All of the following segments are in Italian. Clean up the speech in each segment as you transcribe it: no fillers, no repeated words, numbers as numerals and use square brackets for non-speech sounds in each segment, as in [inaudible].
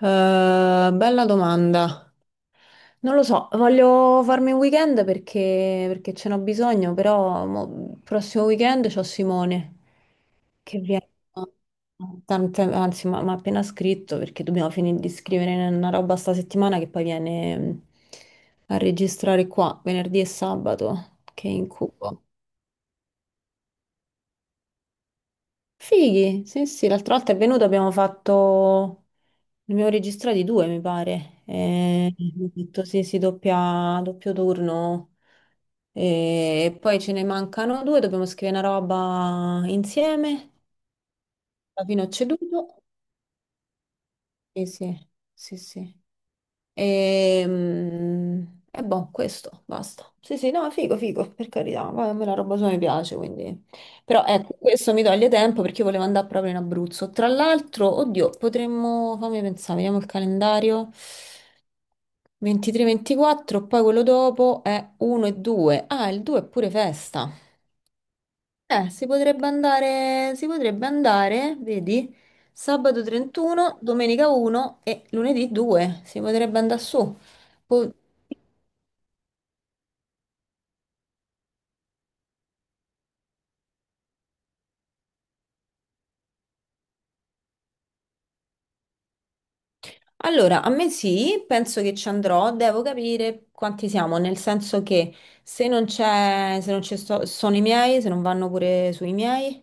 Bella domanda. Non lo so, voglio farmi un weekend perché ce n'ho bisogno, però il prossimo weekend c'ho Simone che viene, anzi mi ha appena scritto perché dobbiamo finire di scrivere una roba sta settimana che poi viene a registrare qua venerdì e sabato, che incubo. Fighi, sì sì, l'altra volta è venuto, abbiamo fatto. Ne abbiamo registrati due, mi pare. Ho detto sì, sì, doppia, doppio turno. E poi ce ne mancano due, dobbiamo scrivere una roba insieme. Alla fine ho ceduto. Sì, sì, sì, sì. E, mm, e boh, questo, basta. Sì, sì, no, figo, figo, per carità. Poi a me la roba sua mi piace, quindi. Però ecco, questo mi toglie tempo perché io volevo andare proprio in Abruzzo. Tra l'altro, oddio, potremmo. Fammi pensare, vediamo il calendario. 23-24, poi quello dopo è 1 e 2. Ah, il 2 è pure festa. Si potrebbe andare, vedi, sabato 31, domenica 1 e lunedì 2. Si potrebbe andare su. Po- Allora, a me sì, penso che ci andrò, devo capire quanti siamo, nel senso che se non c'è, se non ci sto- sono i miei, se non vanno pure sui miei,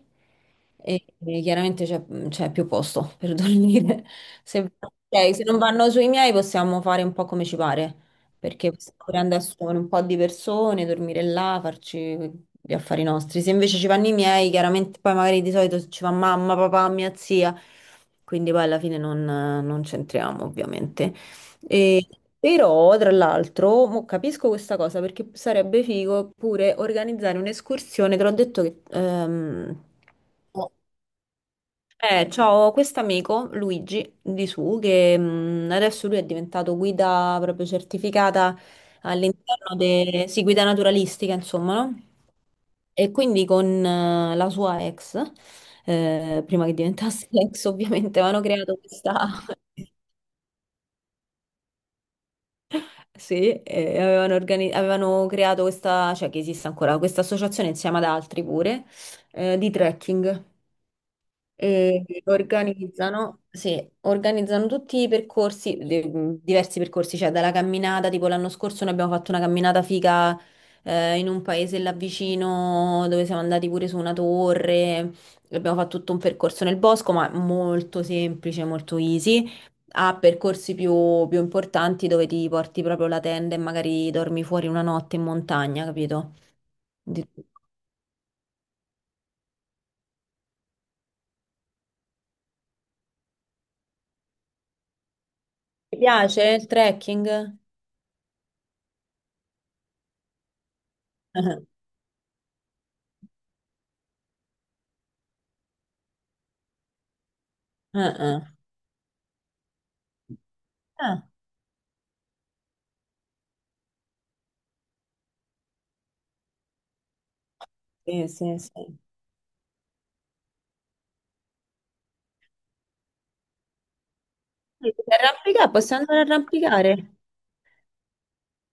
e chiaramente c'è più posto per dormire. [laughs] Se, ok, se non vanno sui miei possiamo fare un po' come ci pare perché stiamo pure a assumere un po' di persone, dormire là, farci gli affari nostri. Se invece ci vanno i miei, chiaramente poi magari di solito ci va mamma, papà, mia zia, quindi poi alla fine non c'entriamo ovviamente. E- però, tra l'altro, mo capisco questa cosa perché sarebbe figo pure organizzare un'escursione, te l'ho detto che, c'ho questo amico, Luigi, di su, che adesso lui è diventato guida proprio certificata all'interno sì, guida naturalistica, insomma, no? E quindi con la sua ex, prima che diventasse [laughs] ex ovviamente, avevano creato questa. [laughs] Sì, avevano creato questa, cioè che esiste ancora, questa associazione insieme ad altri pure, di trekking. E organizzano, sì, organizzano tutti i percorsi, diversi percorsi, cioè dalla camminata, tipo l'anno scorso noi abbiamo fatto una camminata figa in un paese là vicino dove siamo andati pure su una torre, abbiamo fatto tutto un percorso nel bosco, ma molto semplice, molto easy. A percorsi più importanti dove ti porti proprio la tenda e magari dormi fuori una notte in montagna, capito? Di- Ti piace il trekking? [laughs] Ah, ah. Ah. Sì, sì, sì. Per Arrampicare, possiamo andare a arrampicare?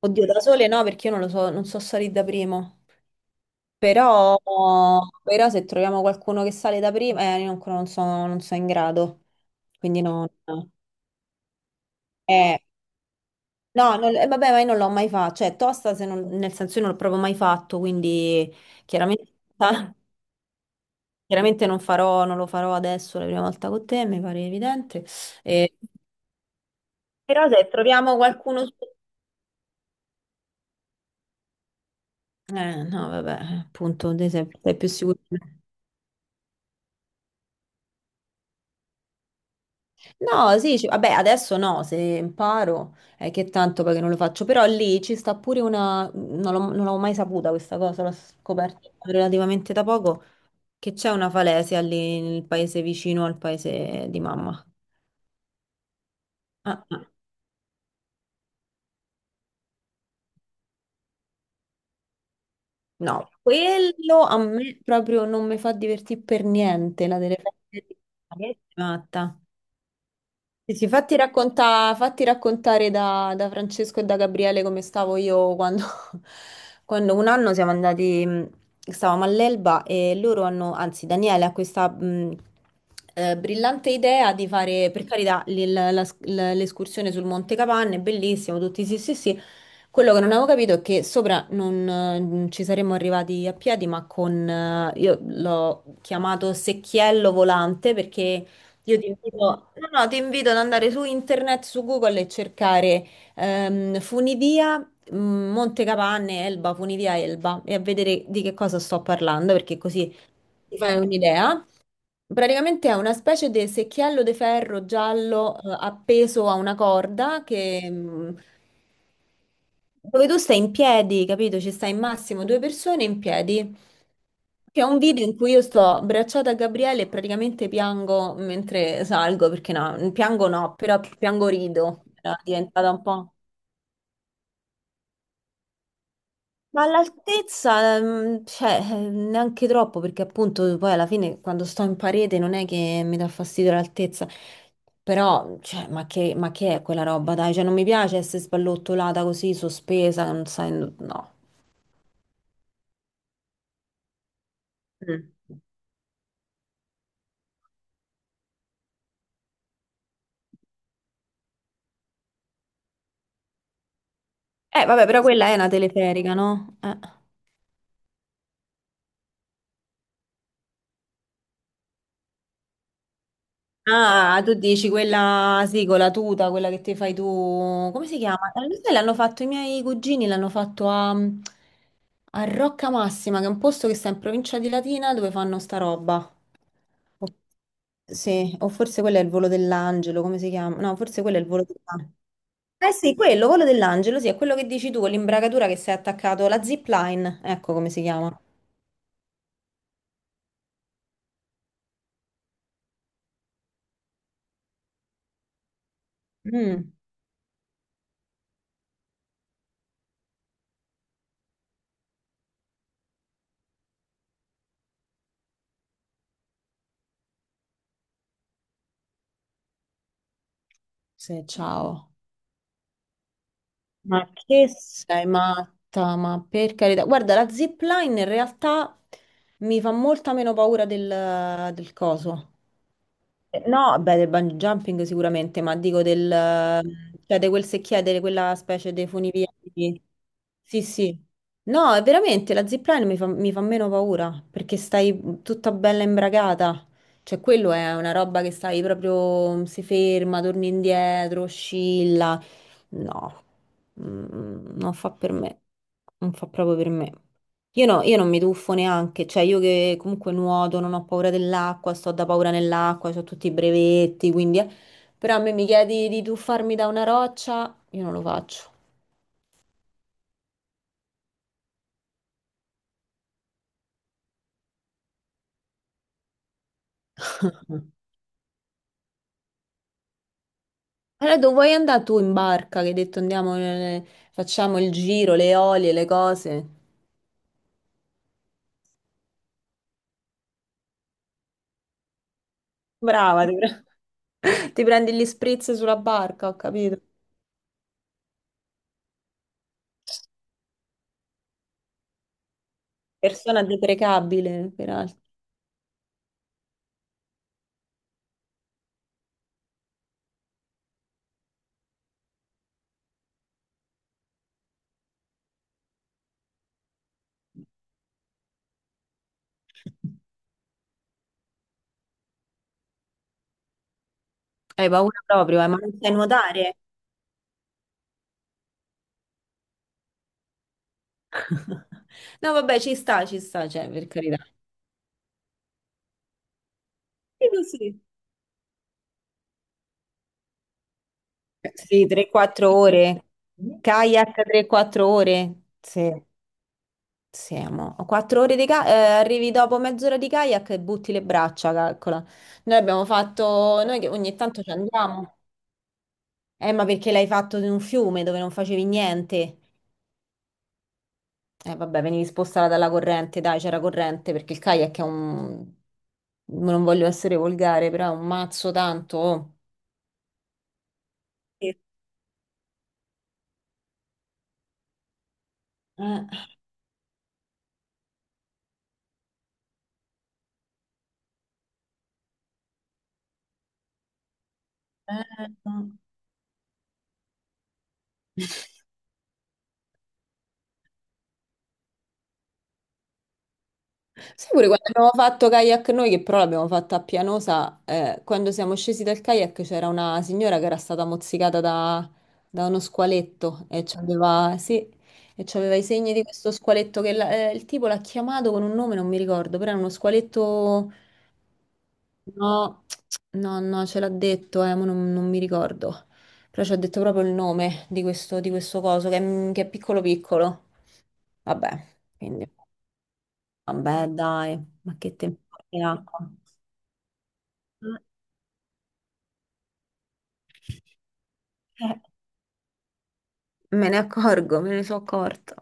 Oddio, da sole no, perché io non lo so, non so salire da primo. Però, però se troviamo qualcuno che sale da primo, io ancora non sono in grado. Quindi no, no. Eh, no, vabbè, ma io non l'ho mai fatto. Cioè, tosta, se non- nel senso io non l'ho proprio mai fatto, quindi chiaramente, [laughs] chiaramente non farò, non lo farò adesso la prima volta con te, mi pare evidente. Eh, però se troviamo qualcuno su. No, vabbè, appunto, te sei più sicuro di me. No, sì, vabbè, adesso no, se imparo è che tanto perché non lo faccio, però lì ci sta pure una, non l'ho non l'avevo mai saputa questa cosa, l'ho scoperta relativamente da poco, che c'è una falesia lì nel paese vicino al paese di mamma. Ah, ah. No, quello a me proprio non mi fa divertire per niente, la telefase di matta. Sì, sì, fatti raccontare da Francesco e da Gabriele come stavo io quando, [laughs] quando un anno siamo andati, stavamo all'Elba e loro hanno, anzi Daniele ha questa brillante idea di fare, per carità, l'escursione sul Monte Capanne, bellissimo, tutti sì sì sì, quello che non avevo capito è che sopra non ci saremmo arrivati a piedi, ma io l'ho chiamato secchiello volante perché io ti invito, no, no, ti invito ad andare su internet, su Google e cercare funivia Monte Capanne, Elba, funivia Elba e a vedere di che cosa sto parlando perché così ti fai un'idea. Praticamente è una specie di secchiello di ferro giallo appeso a una corda che, dove tu stai in piedi, capito? Ci stai in massimo due persone in piedi. C'è un video in cui io sto abbracciata a Gabriele e praticamente piango mentre salgo, perché no, piango no, però piango rido. Era diventata un po'. Ma all'altezza, cioè, neanche troppo, perché appunto poi alla fine quando sto in parete non è che mi dà fastidio l'altezza, però, cioè, ma che è quella roba, dai? Cioè, non mi piace essere sballottolata così, sospesa, non sai. No. Mm. Vabbè, però quella è una teleferica, no? Ah, tu dici quella, sì, con la tuta, quella che ti fai tu, come si chiama? Lo sai, l'hanno fatto i miei cugini, l'hanno fatto a Rocca Massima, che è un posto che sta in provincia di Latina dove fanno sta roba. O- sì, o forse quello è il volo dell'angelo, come si chiama? No, forse quello è il volo dell'angelo. Eh sì, quello, volo dell'angelo, sì, è quello che dici tu, con l'imbragatura che sei attaccato, la zipline, ecco come si chiama. Mm, sì, ciao. Ma che sei matta, ma per carità. Guarda, la zipline in realtà mi fa molta meno paura del coso. No, beh, del bungee jumping sicuramente, ma dico del, cioè di quel secchiere, di quella specie di funivia. Sì, sì. No, è veramente, la zipline mi fa meno paura, perché stai tutta bella imbragata. Cioè, quello è una roba che stai proprio, si ferma, torni indietro, oscilla. No, non fa per me. Non fa proprio per me. Io non mi tuffo neanche, cioè io che comunque nuoto, non ho paura dell'acqua, sto da paura nell'acqua, ho tutti i brevetti, quindi. Però a me mi chiedi di tuffarmi da una roccia, io non lo faccio. Allora, dove vuoi andare tu in barca? Che hai detto andiamo, facciamo il giro, le olie, le cose. Brava, [laughs] ti prendi gli spritz sulla barca, ho capito. Persona deprecabile, peraltro. Hai paura proprio, ma non sai nuotare? [laughs] No, vabbè, ci sta, cioè, per carità. Sì, così. Sì, 3-4 ore. Mhm. Kayak 3-4 ore. Sì, sì, amo. 4 ore di kayak, arrivi dopo mezz'ora di kayak e butti le braccia, calcola. Noi abbiamo fatto, noi che ogni tanto ci andiamo. Ma perché l'hai fatto in un fiume dove non facevi niente? Vabbè, venivi spostata dalla corrente, dai, c'era corrente, perché il kayak è un. Non voglio essere volgare, però è un mazzo tanto. Oh. Sì. Eh, no. Sai pure quando abbiamo fatto kayak noi, che però l'abbiamo fatta a Pianosa, quando siamo scesi dal kayak c'era una signora che era stata mozzicata da uno squaletto e c'aveva, sì, e c'aveva i segni di questo squaletto che il tipo l'ha chiamato con un nome, non mi ricordo, però era uno squaletto. No, no, no, ce l'ha detto, ma non mi ricordo. Però ci ha detto proprio il nome di questo, coso, che è piccolo piccolo. Vabbè, quindi. Vabbè, dai, ma che tempo è acqua. Eh, me ne accorgo, me ne sono accorta.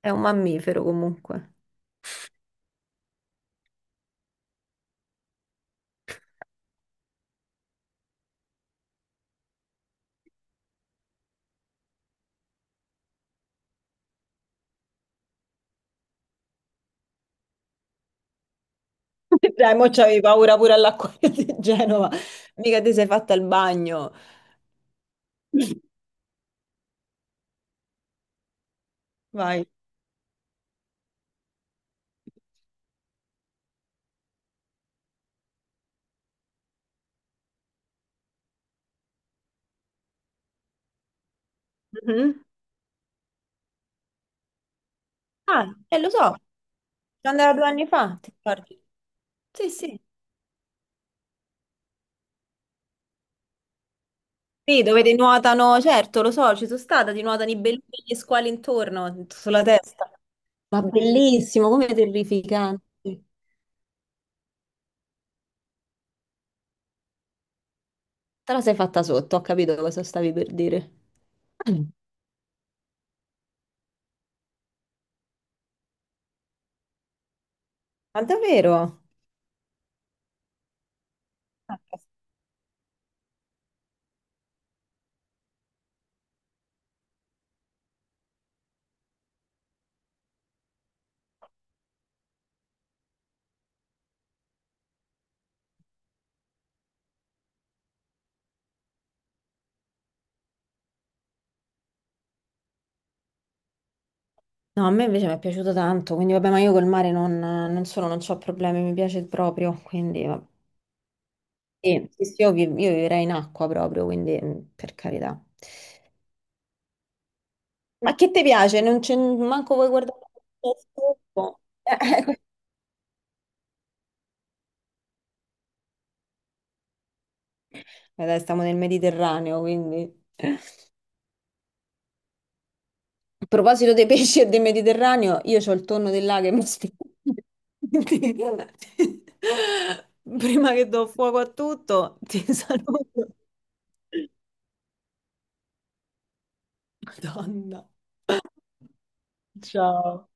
È un mammifero comunque. [laughs] Dai, mo c'avevi paura pure all'acquario [laughs] di Genova. Mica ti sei fatta il bagno. Vai. Mhm. Ah, e lo so, ci andavo 2 anni fa, ti ricordi? Sì, sì. Sì, dove ti nuotano, certo, lo so, ci sono stata, ti nuotano i belli e gli squali intorno, sulla testa. Ma bellissimo, come terrificante. Te la sei fatta sotto, ho capito cosa stavi per dire. Ah, ma davvero? No, a me invece mi è piaciuto tanto, quindi vabbè, ma io col mare non solo non ho problemi, mi piace proprio, quindi vabbè. Sì, sì, sì, io vivrei in acqua proprio, quindi per carità. Ma che ti piace? Non c'è manco vuoi guardare il tempo? [laughs] Dai, stiamo nel Mediterraneo, quindi. A proposito dei pesci e del Mediterraneo, io ho il tonno del lago che mi aspetta. Quindi, [laughs] prima che do fuoco a tutto, ti saluto. Madonna. Ciao.